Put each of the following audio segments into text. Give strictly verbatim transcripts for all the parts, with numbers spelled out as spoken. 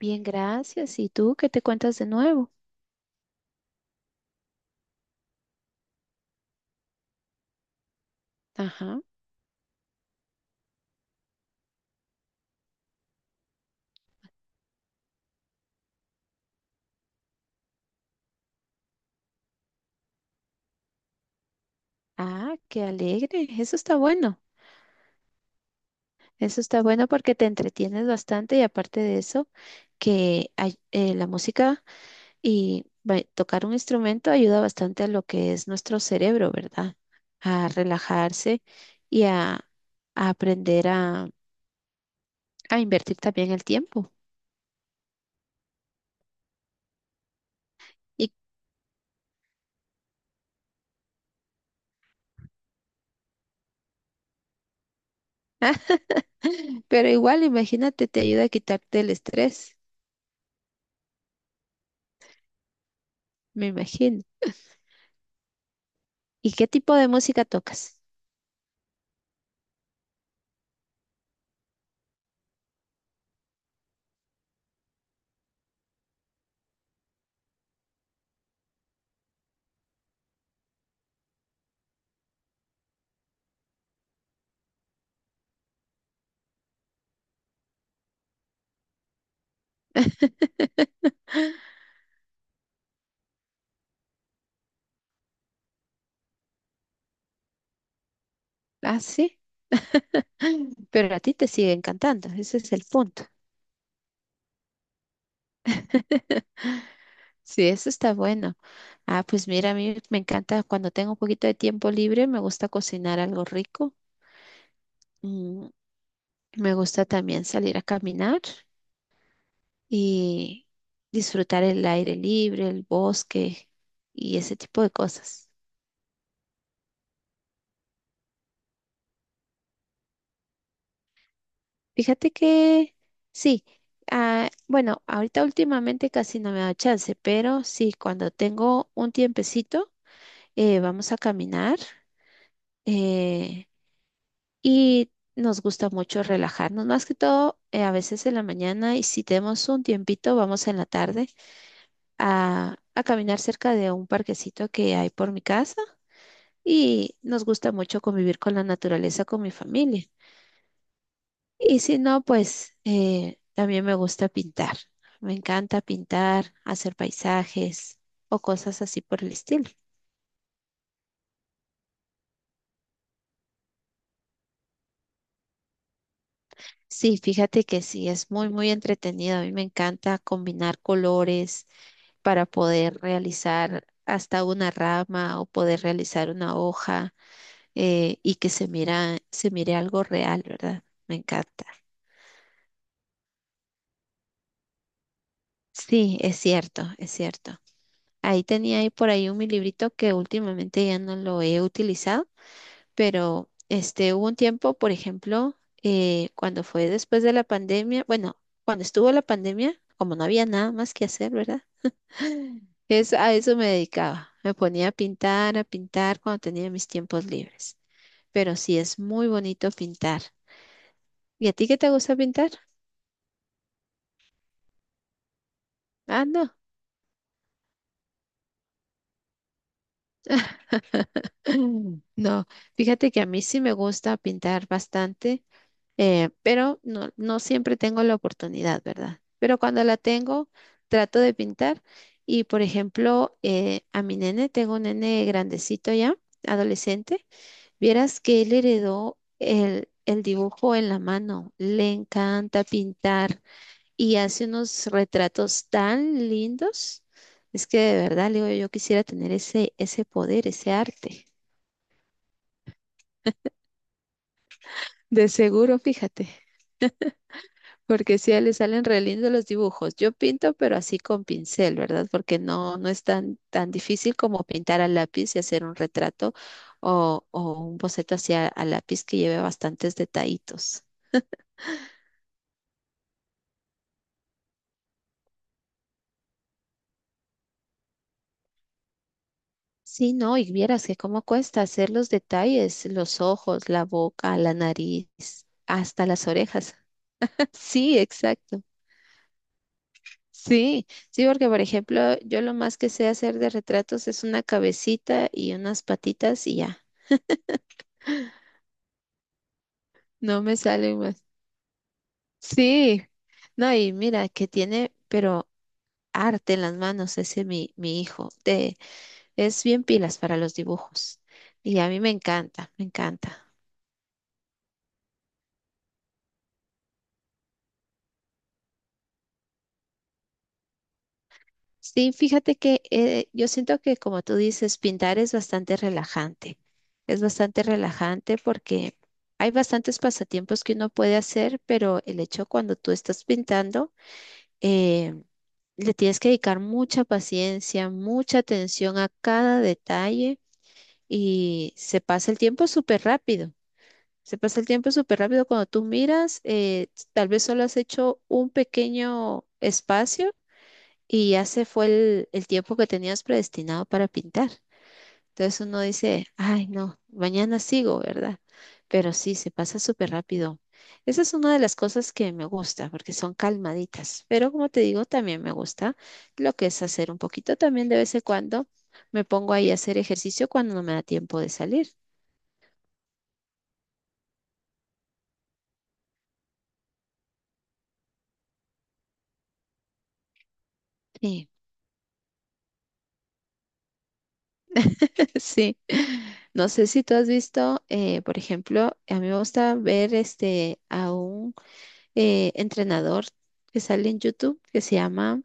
Bien, gracias. ¿Y tú qué te cuentas de nuevo? Ajá. Ah, qué alegre. Eso está bueno. Eso está bueno porque te entretienes bastante y aparte de eso, que ay- eh, la música y ba- tocar un instrumento ayuda bastante a lo que es nuestro cerebro, ¿verdad? A relajarse y a, a aprender a, a invertir también el tiempo. Y, pero igual, imagínate, te ayuda a quitarte el estrés, me imagino. ¿Y qué tipo de música tocas? Ah, sí. Pero a ti te sigue encantando, ese es el punto. Sí, eso está bueno. Ah, pues mira, a mí me encanta cuando tengo un poquito de tiempo libre, me gusta cocinar algo rico. Mm, me gusta también salir a caminar y disfrutar el aire libre, el bosque y ese tipo de cosas. Fíjate que sí. Ah, bueno, ahorita últimamente casi no me da chance, pero sí, cuando tengo un tiempecito, eh, vamos a caminar eh, y nos gusta mucho relajarnos, más que todo eh, a veces en la mañana y si tenemos un tiempito, vamos en la tarde a, a caminar cerca de un parquecito que hay por mi casa y nos gusta mucho convivir con la naturaleza, con mi familia. Y si no, pues eh, también me gusta pintar. Me encanta pintar, hacer paisajes o cosas así por el estilo. Sí, fíjate que sí, es muy, muy entretenido. A mí me encanta combinar colores para poder realizar hasta una rama o poder realizar una hoja eh, y que se mira, se mire algo real, ¿verdad? Me encanta. Sí, es cierto, es cierto. Ahí tenía ahí por ahí un mi librito que últimamente ya no lo he utilizado, pero este hubo un tiempo, por ejemplo, eh, cuando fue después de la pandemia, bueno, cuando estuvo la pandemia, como no había nada más que hacer, ¿verdad? Es, a eso me dedicaba. Me ponía a pintar, a pintar cuando tenía mis tiempos libres. Pero sí es muy bonito pintar. ¿Y a ti qué te gusta pintar? Ah, no. No, fíjate que a mí sí me gusta pintar bastante, eh, pero no, no siempre tengo la oportunidad, ¿verdad? Pero cuando la tengo, trato de pintar. Y por ejemplo, eh, a mi nene, tengo un nene grandecito ya, adolescente. Vieras que él heredó el, el dibujo en la mano, le encanta pintar y hace unos retratos tan lindos. Es que de verdad, Leo, yo quisiera tener ese, ese poder, ese arte. De seguro, fíjate, porque sí, a él le salen re lindos los dibujos. Yo pinto, pero así con pincel, ¿verdad? Porque no, no es tan, tan difícil como pintar a lápiz y hacer un retrato o, o un boceto hacia a lápiz que lleve bastantes detallitos. Sí, no, y vieras que cómo cuesta hacer los detalles, los ojos, la boca, la nariz, hasta las orejas. Sí, exacto. Sí, sí, porque por ejemplo, yo lo más que sé hacer de retratos es una cabecita y unas patitas y ya. No me salen más. Sí, no, y mira que tiene, pero arte en las manos ese mi, mi hijo. Te- es bien pilas para los dibujos. Y a mí me encanta, me encanta. Sí, fíjate que eh, yo siento que como tú dices, pintar es bastante relajante. Es bastante relajante porque hay bastantes pasatiempos que uno puede hacer, pero el hecho cuando tú estás pintando, eh, le tienes que dedicar mucha paciencia, mucha atención a cada detalle y se pasa el tiempo súper rápido. Se pasa el tiempo súper rápido cuando tú miras, eh, tal vez solo has hecho un pequeño espacio y ya se fue el, el tiempo que tenías predestinado para pintar. Entonces uno dice, ay, no, mañana sigo, ¿verdad? Pero sí, se pasa súper rápido. Esa es una de las cosas que me gusta, porque son calmaditas. Pero como te digo, también me gusta lo que es hacer un poquito también de vez en cuando. Me pongo ahí a hacer ejercicio cuando no me da tiempo de salir. Sí, sí. No sé si tú has visto, eh, por ejemplo, a mí me gusta ver este a un eh, entrenador que sale en YouTube que se llama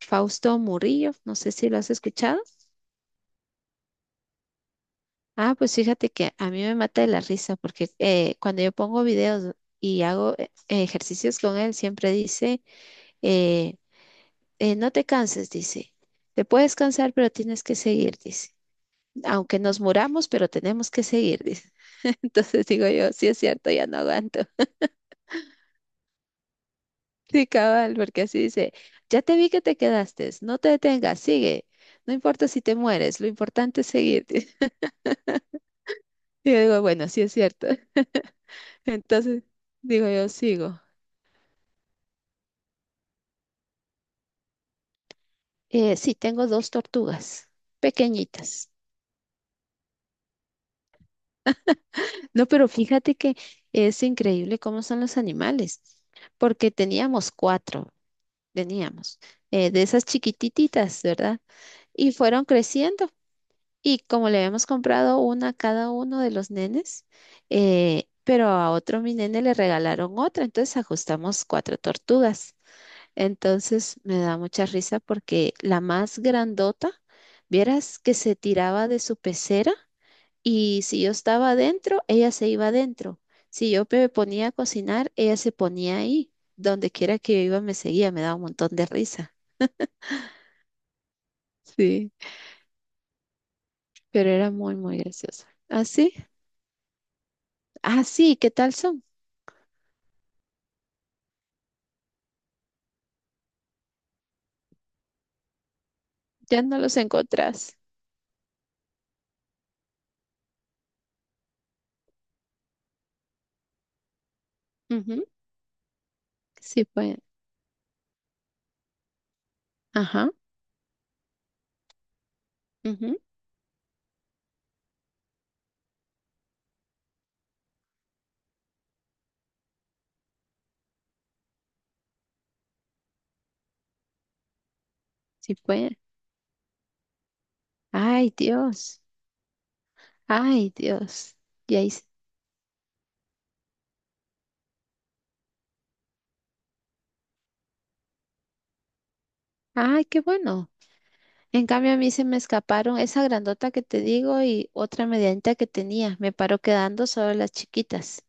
Fausto Murillo. No sé si lo has escuchado. Ah, pues fíjate que a mí me mata de la risa porque eh, cuando yo pongo videos y hago eh, ejercicios con él, siempre dice, eh, eh, no te canses, dice, te puedes cansar, pero tienes que seguir, dice, aunque nos muramos, pero tenemos que seguir, dice. Entonces digo yo, sí es cierto, ya no aguanto. Sí, cabal, porque así dice, ya te vi que te quedaste, no te detengas, sigue, no importa si te mueres, lo importante es seguir. Y yo digo, bueno, sí es cierto. Entonces, digo yo, sigo. Eh, sí, tengo dos tortugas pequeñitas. No, pero fíjate que es increíble cómo son los animales, porque teníamos cuatro, teníamos, eh, de esas chiquititas, ¿verdad? Y fueron creciendo. Y como le habíamos comprado una a cada uno de los nenes, eh, pero a otro mi nene le regalaron otra, entonces ajustamos cuatro tortugas. Entonces me da mucha risa porque la más grandota, vieras que se tiraba de su pecera y si yo estaba adentro, ella se iba adentro. Si yo me ponía a cocinar, ella se ponía ahí. Donde quiera que yo iba, me seguía, me daba un montón de risa. Sí, pero era muy, muy graciosa. ¿Ah, sí? Ah, sí, ¿qué tal son? Ya no los encontrás. Ujú, sí pueden. Ajá, ujú. Sí pueden. Ay, Dios. Ay, Dios. Y ahí. se- Ay, qué bueno. En cambio, a mí se me escaparon esa grandota que te digo y otra medianita que tenía. Me paró quedando solo las chiquitas,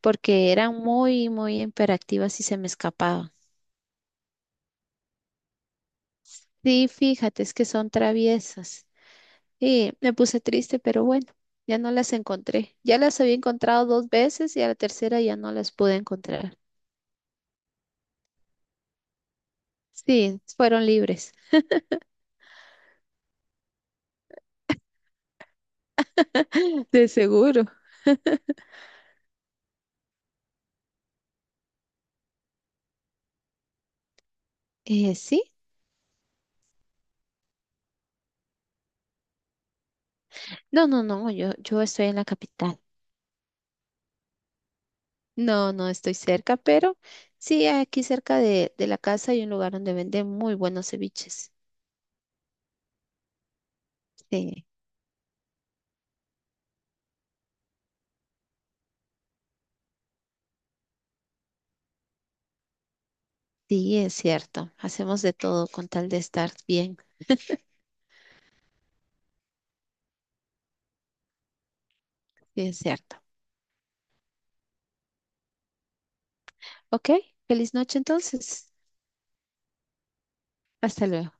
porque eran muy, muy imperativas y se me escapaban. Sí, fíjate, es que son traviesas. Y me puse triste, pero bueno, ya no las encontré. Ya las había encontrado dos veces y a la tercera ya no las pude encontrar. Sí, fueron libres. De seguro. Eh, sí. No, no, no, yo, yo estoy en la capital. No, no estoy cerca, pero sí, aquí cerca de, de la casa hay un lugar donde venden muy buenos ceviches. Sí, sí, es cierto. Hacemos de todo con tal de estar bien. Sí, es cierto. Ok, feliz noche entonces. Hasta luego.